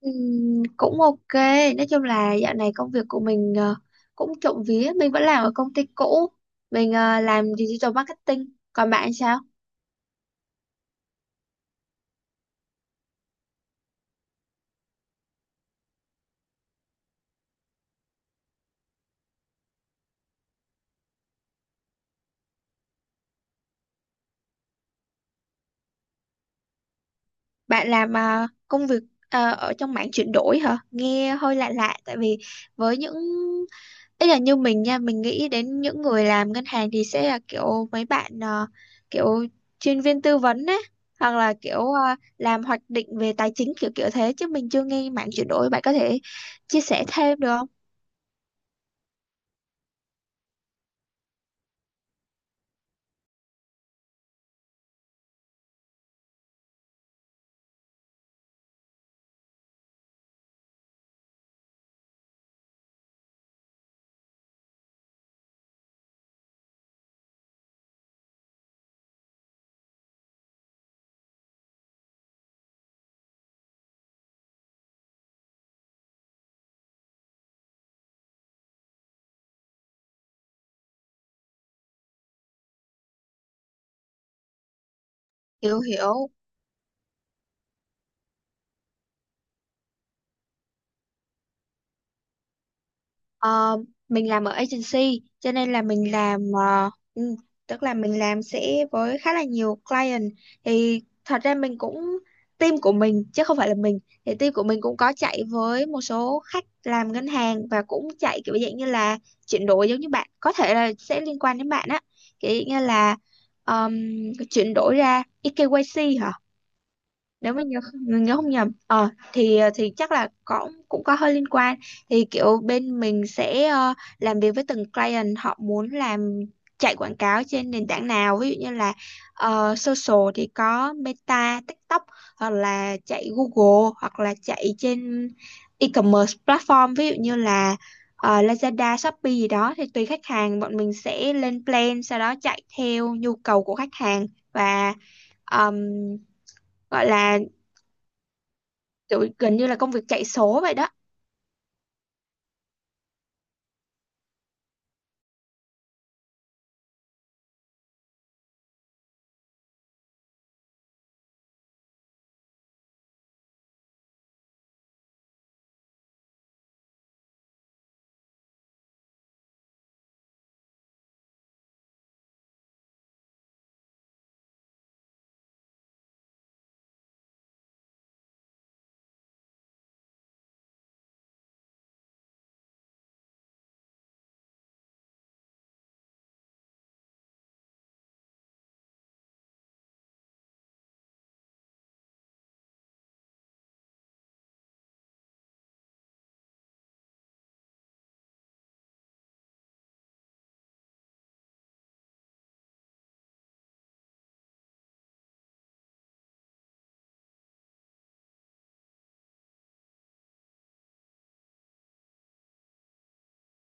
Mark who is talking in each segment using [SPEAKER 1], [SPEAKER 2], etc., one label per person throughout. [SPEAKER 1] Cũng ok, nói chung là dạo này công việc của mình cũng trộm vía mình vẫn làm ở công ty cũ. Mình làm digital marketing, còn bạn sao? Bạn làm công việc ở trong mảng chuyển đổi hả? Nghe hơi lạ lạ, tại vì với những, ý là như mình nha, mình nghĩ đến những người làm ngân hàng thì sẽ là kiểu mấy bạn kiểu chuyên viên tư vấn á, hoặc là kiểu làm hoạch định về tài chính kiểu kiểu thế, chứ mình chưa nghe mảng chuyển đổi. Bạn có thể chia sẻ thêm được không? Hiểu hiểu. Ờ, mình làm ở agency cho nên là mình làm tức là mình làm sẽ với khá là nhiều client. Thì thật ra mình cũng, team của mình chứ không phải là mình, thì team của mình cũng có chạy với một số khách làm ngân hàng, và cũng chạy kiểu dạng như là chuyển đổi giống như bạn, có thể là sẽ liên quan đến bạn á, kiểu dạng như là um, chuyển đổi ra eKYC hả? Nếu mà nhớ mình nhớ không nhầm ờ thì chắc là có, cũng có hơi liên quan. Thì kiểu bên mình sẽ làm việc với từng client, họ muốn làm chạy quảng cáo trên nền tảng nào, ví dụ như là social thì có Meta, TikTok, hoặc là chạy Google, hoặc là chạy trên e-commerce platform, ví dụ như là Lazada, Shopee gì đó. Thì tùy khách hàng, bọn mình sẽ lên plan sau đó chạy theo nhu cầu của khách hàng. Và ờm, gọi là kiểu gần như là công việc chạy số vậy đó.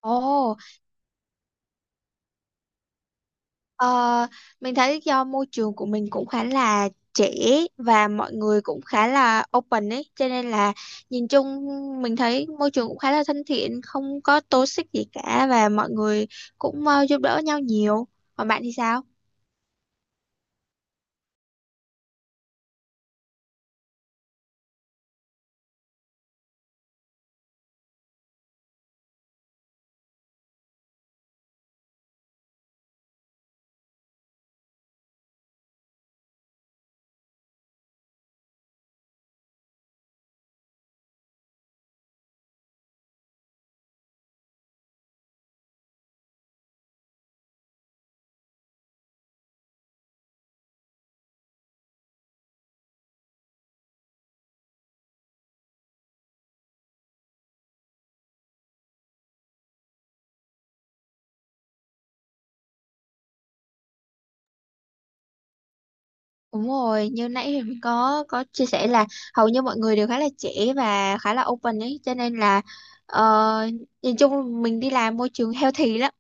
[SPEAKER 1] Ồ, ờ, mình thấy do môi trường của mình cũng khá là trẻ và mọi người cũng khá là open ấy, cho nên là nhìn chung mình thấy môi trường cũng khá là thân thiện, không có toxic gì cả, và mọi người cũng giúp đỡ nhau nhiều. Còn bạn thì sao? Đúng rồi, như nãy thì mình có chia sẻ là hầu như mọi người đều khá là trẻ và khá là open ấy, cho nên là ờ, nhìn chung mình đi làm môi trường healthy lắm.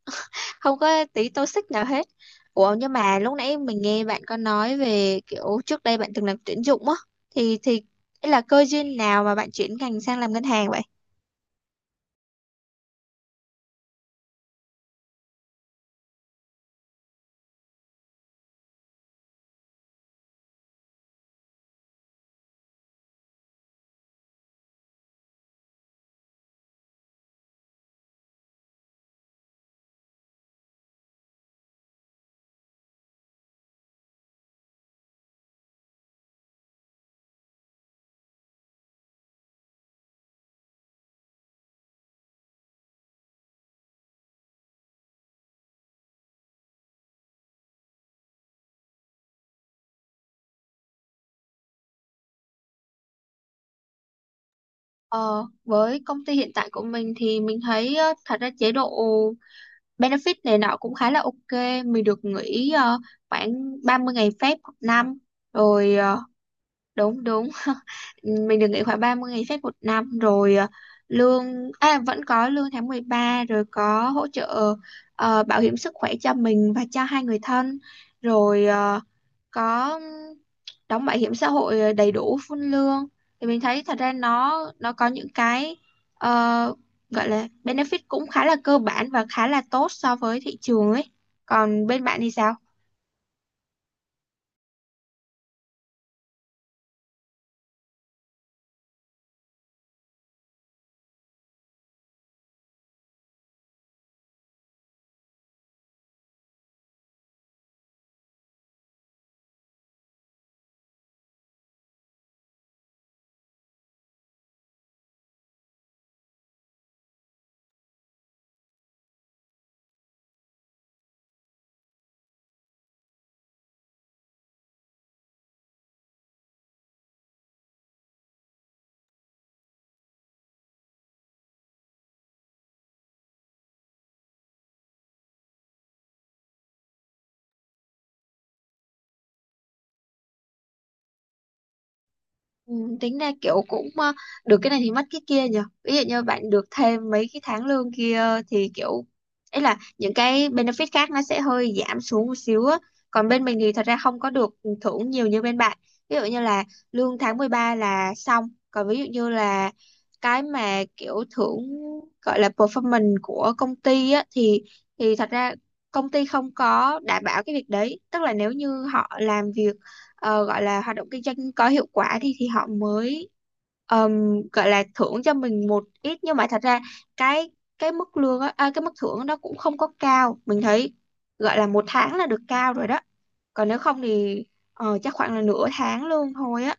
[SPEAKER 1] Không có tí toxic nào hết. Ủa, nhưng mà lúc nãy mình nghe bạn có nói về kiểu trước đây bạn từng làm tuyển dụng á, thì là cơ duyên nào mà bạn chuyển ngành sang làm ngân hàng vậy? Ờ, với công ty hiện tại của mình thì mình thấy thật ra chế độ benefit này nọ cũng khá là ok. Mình được nghỉ khoảng 30 ngày phép một năm. Rồi đúng đúng, mình được nghỉ khoảng 30 ngày phép một năm. Rồi lương, à, vẫn có lương tháng 13. Rồi có hỗ trợ bảo hiểm sức khỏe cho mình và cho hai người thân. Rồi có đóng bảo hiểm xã hội đầy đủ full lương. Thì mình thấy thật ra nó có những cái ờ, gọi là benefit cũng khá là cơ bản và khá là tốt so với thị trường ấy. Còn bên bạn thì sao? Ừ, tính ra kiểu cũng được cái này thì mất cái kia nhỉ. Ví dụ như bạn được thêm mấy cái tháng lương kia thì kiểu ấy là những cái benefit khác nó sẽ hơi giảm xuống một xíu á. Còn bên mình thì thật ra không có được thưởng nhiều như bên bạn. Ví dụ như là lương tháng 13 là xong, còn ví dụ như là cái mà kiểu thưởng gọi là performance của công ty á thì thật ra công ty không có đảm bảo cái việc đấy, tức là nếu như họ làm việc gọi là hoạt động kinh doanh có hiệu quả thì họ mới gọi là thưởng cho mình một ít. Nhưng mà thật ra cái cái mức lương á, à, cái mức thưởng đó cũng không có cao, mình thấy gọi là một tháng là được cao rồi đó, còn nếu không thì chắc khoảng là nửa tháng lương thôi á.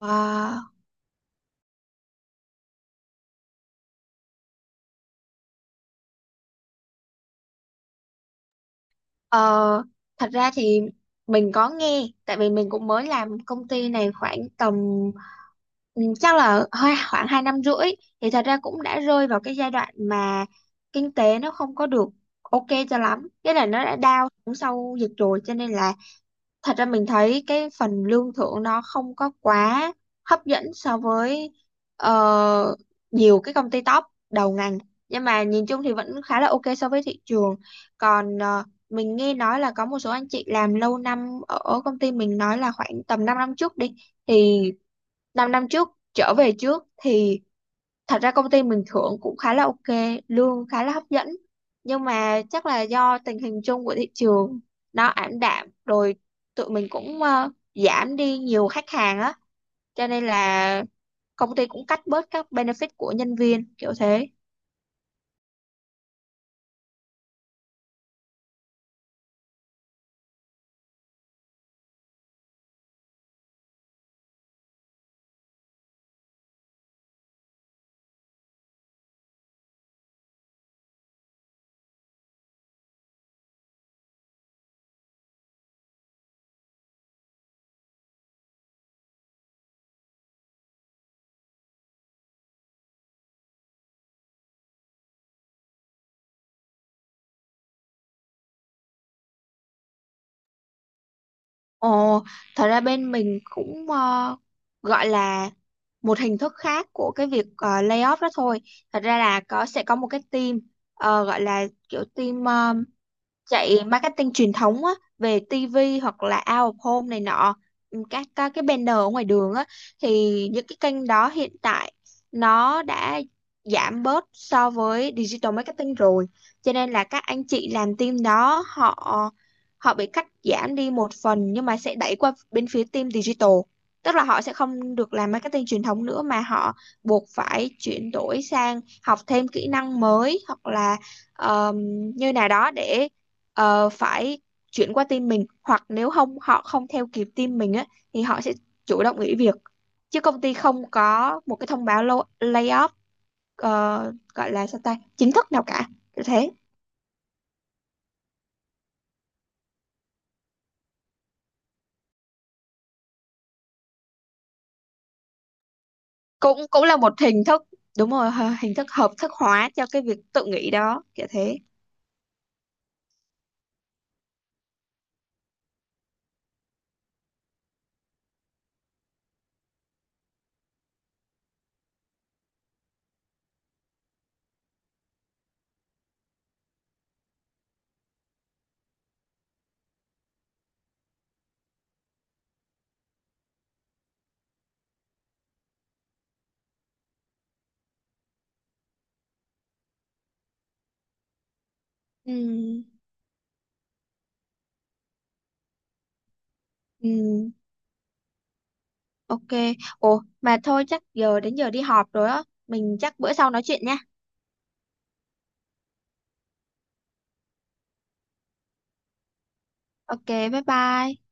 [SPEAKER 1] Wow. Ờ, thật ra thì mình có nghe tại vì mình cũng mới làm công ty này khoảng tầm, chắc là hơi khoảng 2,5 năm, thì thật ra cũng đã rơi vào cái giai đoạn mà kinh tế nó không có được ok cho lắm, cái là nó đã down xuống sau dịch rồi, cho nên là thật ra mình thấy cái phần lương thưởng nó không có quá hấp dẫn so với ờ, nhiều cái công ty top đầu ngành. Nhưng mà nhìn chung thì vẫn khá là ok so với thị trường. Còn mình nghe nói là có một số anh chị làm lâu năm ở ở công ty mình nói là khoảng tầm 5 năm trước đi, thì 5 năm trước trở về trước thì thật ra công ty mình thưởng cũng khá là ok, lương khá là hấp dẫn. Nhưng mà chắc là do tình hình chung của thị trường nó ảm đạm rồi, tụi mình cũng giảm đi nhiều khách hàng á, cho nên là công ty cũng cắt bớt các benefit của nhân viên kiểu thế. Ồ, thật ra bên mình cũng gọi là một hình thức khác của cái việc layoff đó thôi. Thật ra là có, sẽ có một cái team gọi là kiểu team chạy marketing truyền thống á, về TV hoặc là out of home này nọ, các cái banner ở ngoài đường á. Thì những cái kênh đó hiện tại nó đã giảm bớt so với digital marketing rồi, cho nên là các anh chị làm team đó họ, họ bị cắt giảm đi một phần, nhưng mà sẽ đẩy qua bên phía team digital. Tức là họ sẽ không được làm marketing truyền thống nữa mà họ buộc phải chuyển đổi sang học thêm kỹ năng mới, hoặc là um, như nào đó để phải chuyển qua team mình, hoặc nếu không họ không theo kịp team mình á thì họ sẽ chủ động nghỉ việc, chứ công ty không có một cái thông báo layoff gọi là sao ta chính thức nào cả. Kiểu thế. Cũng cũng là một hình thức, đúng rồi, hình thức hợp thức hóa cho cái việc tự nghỉ đó kiểu thế. Ừ. Ừ, ok. Ồ, mà thôi, chắc giờ đến giờ đi họp rồi á, mình chắc bữa sau nói chuyện nha. Ok, bye bye.